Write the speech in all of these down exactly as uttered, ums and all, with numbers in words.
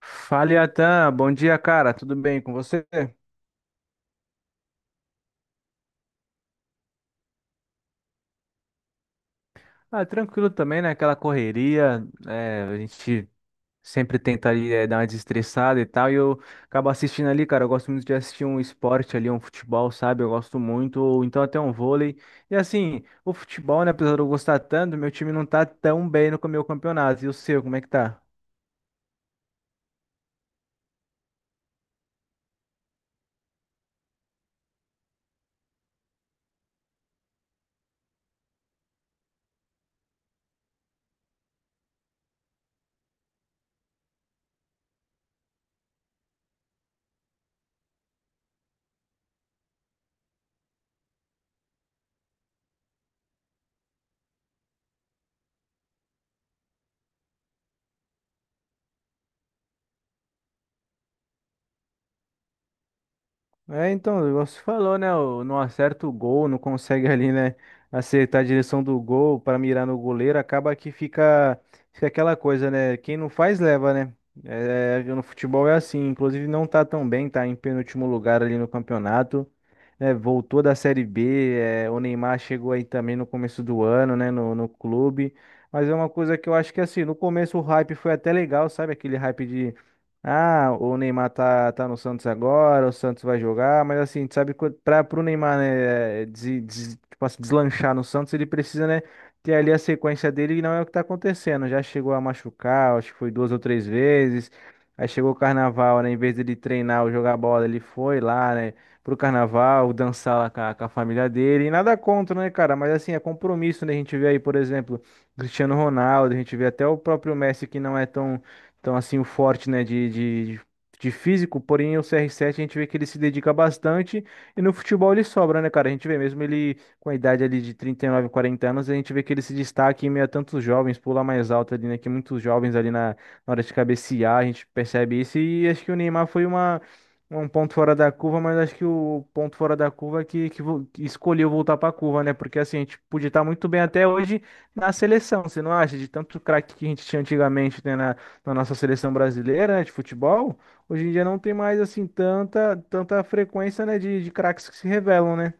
Fala, Atan. Bom dia, cara. Tudo bem com você? Ah, tranquilo também, né? Aquela correria, é, a gente sempre tenta ali, é, dar uma desestressada e tal. E eu acabo assistindo ali, cara. Eu gosto muito de assistir um esporte ali, um futebol, sabe? Eu gosto muito, ou então até um vôlei. E assim, o futebol, né? Apesar de eu gostar tanto, meu time não tá tão bem no meu campeonato. E o seu, como é que tá? É, então, igual você falou, né? o- Não acerta o gol, não consegue ali, né? Acertar a direção do gol para mirar no goleiro, acaba que fica, fica aquela coisa, né? Quem não faz, leva, né? É, no futebol é assim, inclusive não tá tão bem, tá em penúltimo lugar ali no campeonato, né? Voltou da Série B, é, o Neymar chegou aí também no começo do ano, né? No, no clube, mas é uma coisa que eu acho que assim, no começo o hype foi até legal, sabe? Aquele hype ah, o Neymar tá, tá no Santos agora, o Santos vai jogar, mas assim, tu sabe, que pra, pro Neymar, né, des, des- tipo assim, deslanchar no Santos, ele precisa, né, ter ali a sequência dele e não é o que tá acontecendo. Já chegou a machucar, acho que foi duas ou três vezes. Aí chegou o Carnaval, né, em vez dele treinar ou jogar bola, ele foi lá, né, pro Carnaval, dançar lá com a, com a família dele. E nada contra, né, cara, mas assim, é compromisso, né, a gente vê aí, por exemplo, Cristiano Ronaldo, a gente vê até o próprio Messi que não é tão então, assim, o forte, né, de, de, de físico, porém o C R sete a gente vê que ele se dedica bastante e no futebol ele sobra, né, cara? A gente vê mesmo ele com a idade ali de trinta e nove, quarenta anos, a gente vê que ele se destaca em meio a tantos jovens, pula mais alto ali, né, que muitos jovens ali na, na hora de cabecear, a gente percebe isso e acho que o Neymar foi uma... Um ponto fora da curva, mas acho que o ponto fora da curva é que, que, vo- que escolheu voltar para a curva, né? Porque assim, a gente podia estar muito bem até hoje na seleção, você não acha? De tanto craque que a gente tinha antigamente, né? Na nossa seleção brasileira, né, de futebol, hoje em dia não tem mais assim tanta tanta frequência, né, de, de craques que se revelam, né?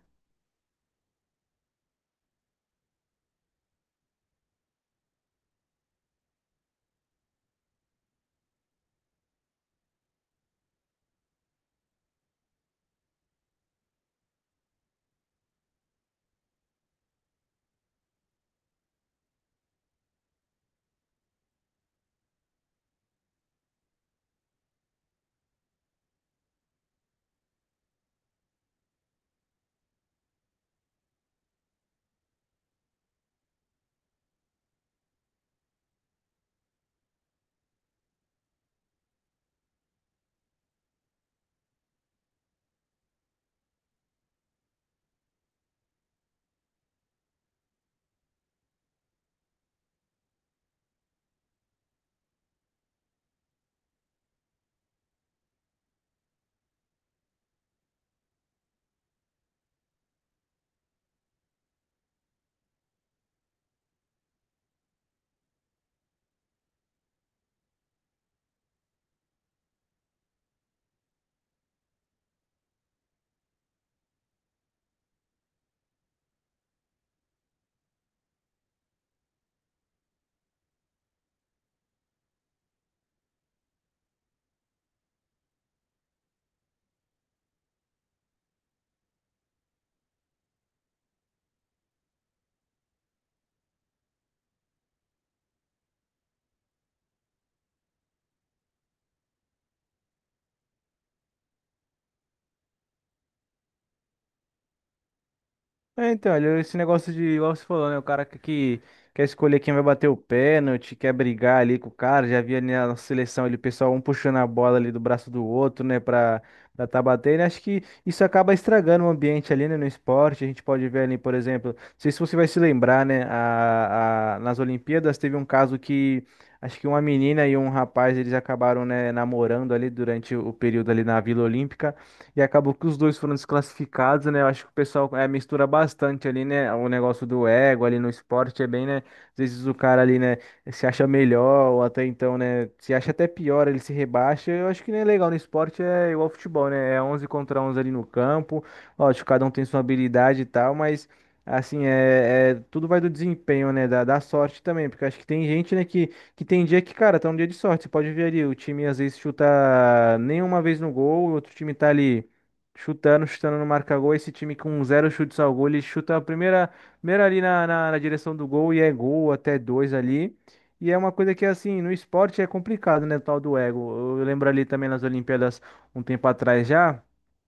É, então, olha, esse negócio de, igual você falou, né? O cara que, que quer escolher quem vai bater o pênalti, quer brigar ali com o cara. Já havia na seleção ali o pessoal um puxando a bola ali do braço do outro, né? Pra, pra tá batendo. Acho que isso acaba estragando o ambiente ali, né? No esporte. A gente pode ver ali, por exemplo, não sei se você vai se lembrar, né? A, a- nas Olimpíadas teve um caso que. Acho que uma menina e um rapaz, eles acabaram, né, namorando ali durante o período ali na Vila Olímpica. E acabou que os dois foram desclassificados, né? Eu acho que o pessoal é, mistura bastante ali, né? O negócio do ego ali no esporte é bem, né? Às vezes o cara ali, né, se acha melhor, ou até então, né, se acha até pior, ele se rebaixa. Eu acho que não é legal no esporte, é igual ao futebol, né? É onze contra onze ali no campo. Lógico, cada um tem sua habilidade e tal, mas. Assim, é, é- tudo vai do desempenho, né? Da, da sorte também, porque acho que tem gente, né, que que tem dia que, cara, tá um dia de sorte. Você pode ver ali, o time às vezes chuta nenhuma vez no gol, o outro time tá ali chutando, chutando, não marca gol. Esse time com zero chutes ao gol, ele chuta a primeira, primeira ali na, na, na direção do gol e é gol, até dois ali. E é uma coisa que, assim, no esporte é complicado, né? O tal do ego. Eu lembro ali também nas Olimpíadas, um tempo atrás já,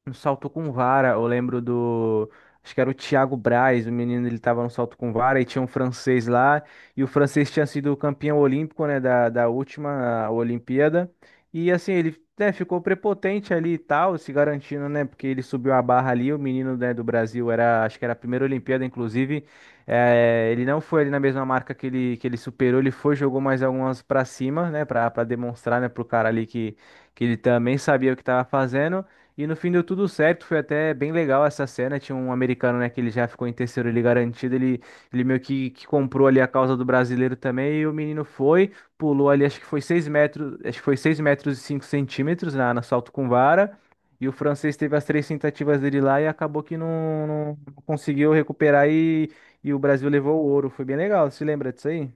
um salto com vara. Eu lembro do. Acho que era o Thiago Braz, o menino, ele tava no salto com vara e tinha um francês lá. E o francês tinha sido campeão olímpico, né, da, da última Olimpíada. E assim, ele, né, ficou prepotente ali e tal, se garantindo, né, porque ele subiu a barra ali. O menino, né, do Brasil era, acho que era a primeira Olimpíada, inclusive. Eh, ele não foi ali na mesma marca que ele, que ele superou, ele foi, jogou mais algumas pra cima, né, pra, pra demonstrar, né, pro cara ali que, que ele também sabia o que tava fazendo. E no fim deu tudo certo, foi até bem legal essa cena. Tinha um americano, né, que ele já ficou em terceiro ali garantido. Ele ele meio que, que comprou ali a causa do brasileiro também, e o menino foi, pulou ali, acho que foi seis metros, acho que foi seis metros e cinco centímetros na, na salto com vara. E o francês teve as três tentativas dele lá e acabou que não, não não conseguiu recuperar e, e o Brasil levou o ouro. Foi bem legal, você lembra disso aí?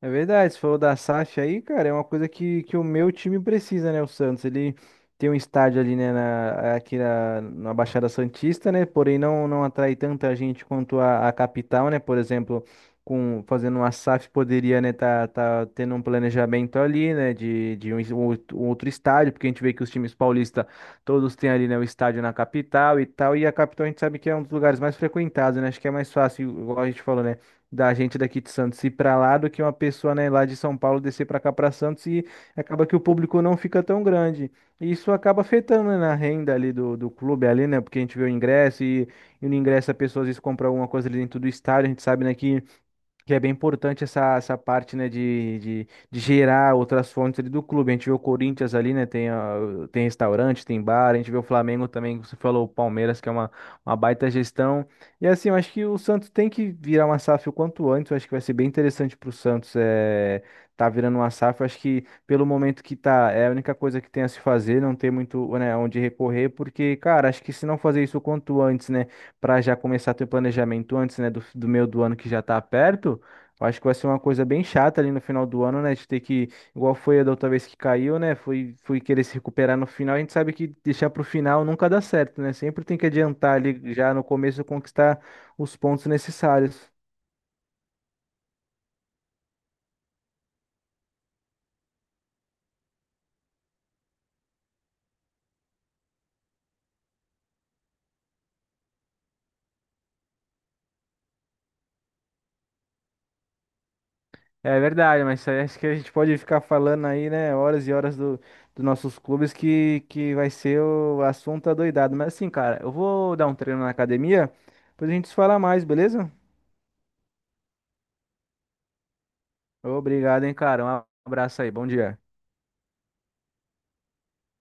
É verdade, se for da SAF aí, cara, é uma coisa que, que o meu time precisa, né? O Santos, ele tem um estádio ali, né, na- aqui na, na Baixada Santista, né? Porém, não, não atrai tanta gente quanto a, a capital, né? Por exemplo, com, fazendo uma SAF poderia, né, tá, tá tendo um planejamento ali, né, de, de um, es- um outro um outro estádio, porque a gente vê que os times paulistas todos têm ali, né, o estádio na capital e tal, e a capital a gente sabe que é um dos lugares mais frequentados, né? Acho que é mais fácil, igual a gente falou, né? Da gente daqui de Santos ir para lá do que uma pessoa, né, lá de São Paulo descer para cá para Santos e acaba que o público não fica tão grande. E isso acaba afetando, né, na renda ali do, do clube ali, né? Porque a gente vê o ingresso e, e no ingresso a pessoa às vezes compra alguma coisa ali dentro do estádio, a gente sabe, né, que que é bem importante essa, essa parte, né, de, de, de gerar outras fontes ali do clube. A gente vê o Corinthians ali, né, tem, ah, tem restaurante, tem bar. A gente vê o Flamengo também, que você falou, o Palmeiras, que é uma, uma baita gestão. E assim, eu acho que o Santos tem que virar uma SAF o quanto antes. Eu acho que vai ser bem interessante para o Santos é, tá virando uma SAF. Eu acho que pelo momento que tá, é a única coisa que tem a se fazer, não tem muito, né, onde recorrer, porque, cara, acho que se não fazer isso o quanto antes, né, para já começar a ter planejamento antes, né, do, do meio do ano que já tá perto. Eu acho que vai ser uma coisa bem chata ali no final do ano, né? De ter que, igual foi a da outra vez que caiu, né? Foi, foi querer se recuperar no final. A gente sabe que deixar pro final nunca dá certo, né? Sempre tem que adiantar ali já no começo conquistar os pontos necessários. É verdade, mas isso aí acho que a gente pode ficar falando aí, né? Horas e horas do, dos nossos clubes que, que vai ser o assunto adoidado. Mas assim, cara, eu vou dar um treino na academia, depois a gente se fala mais, beleza? Obrigado, hein, cara. Um abraço aí, bom dia.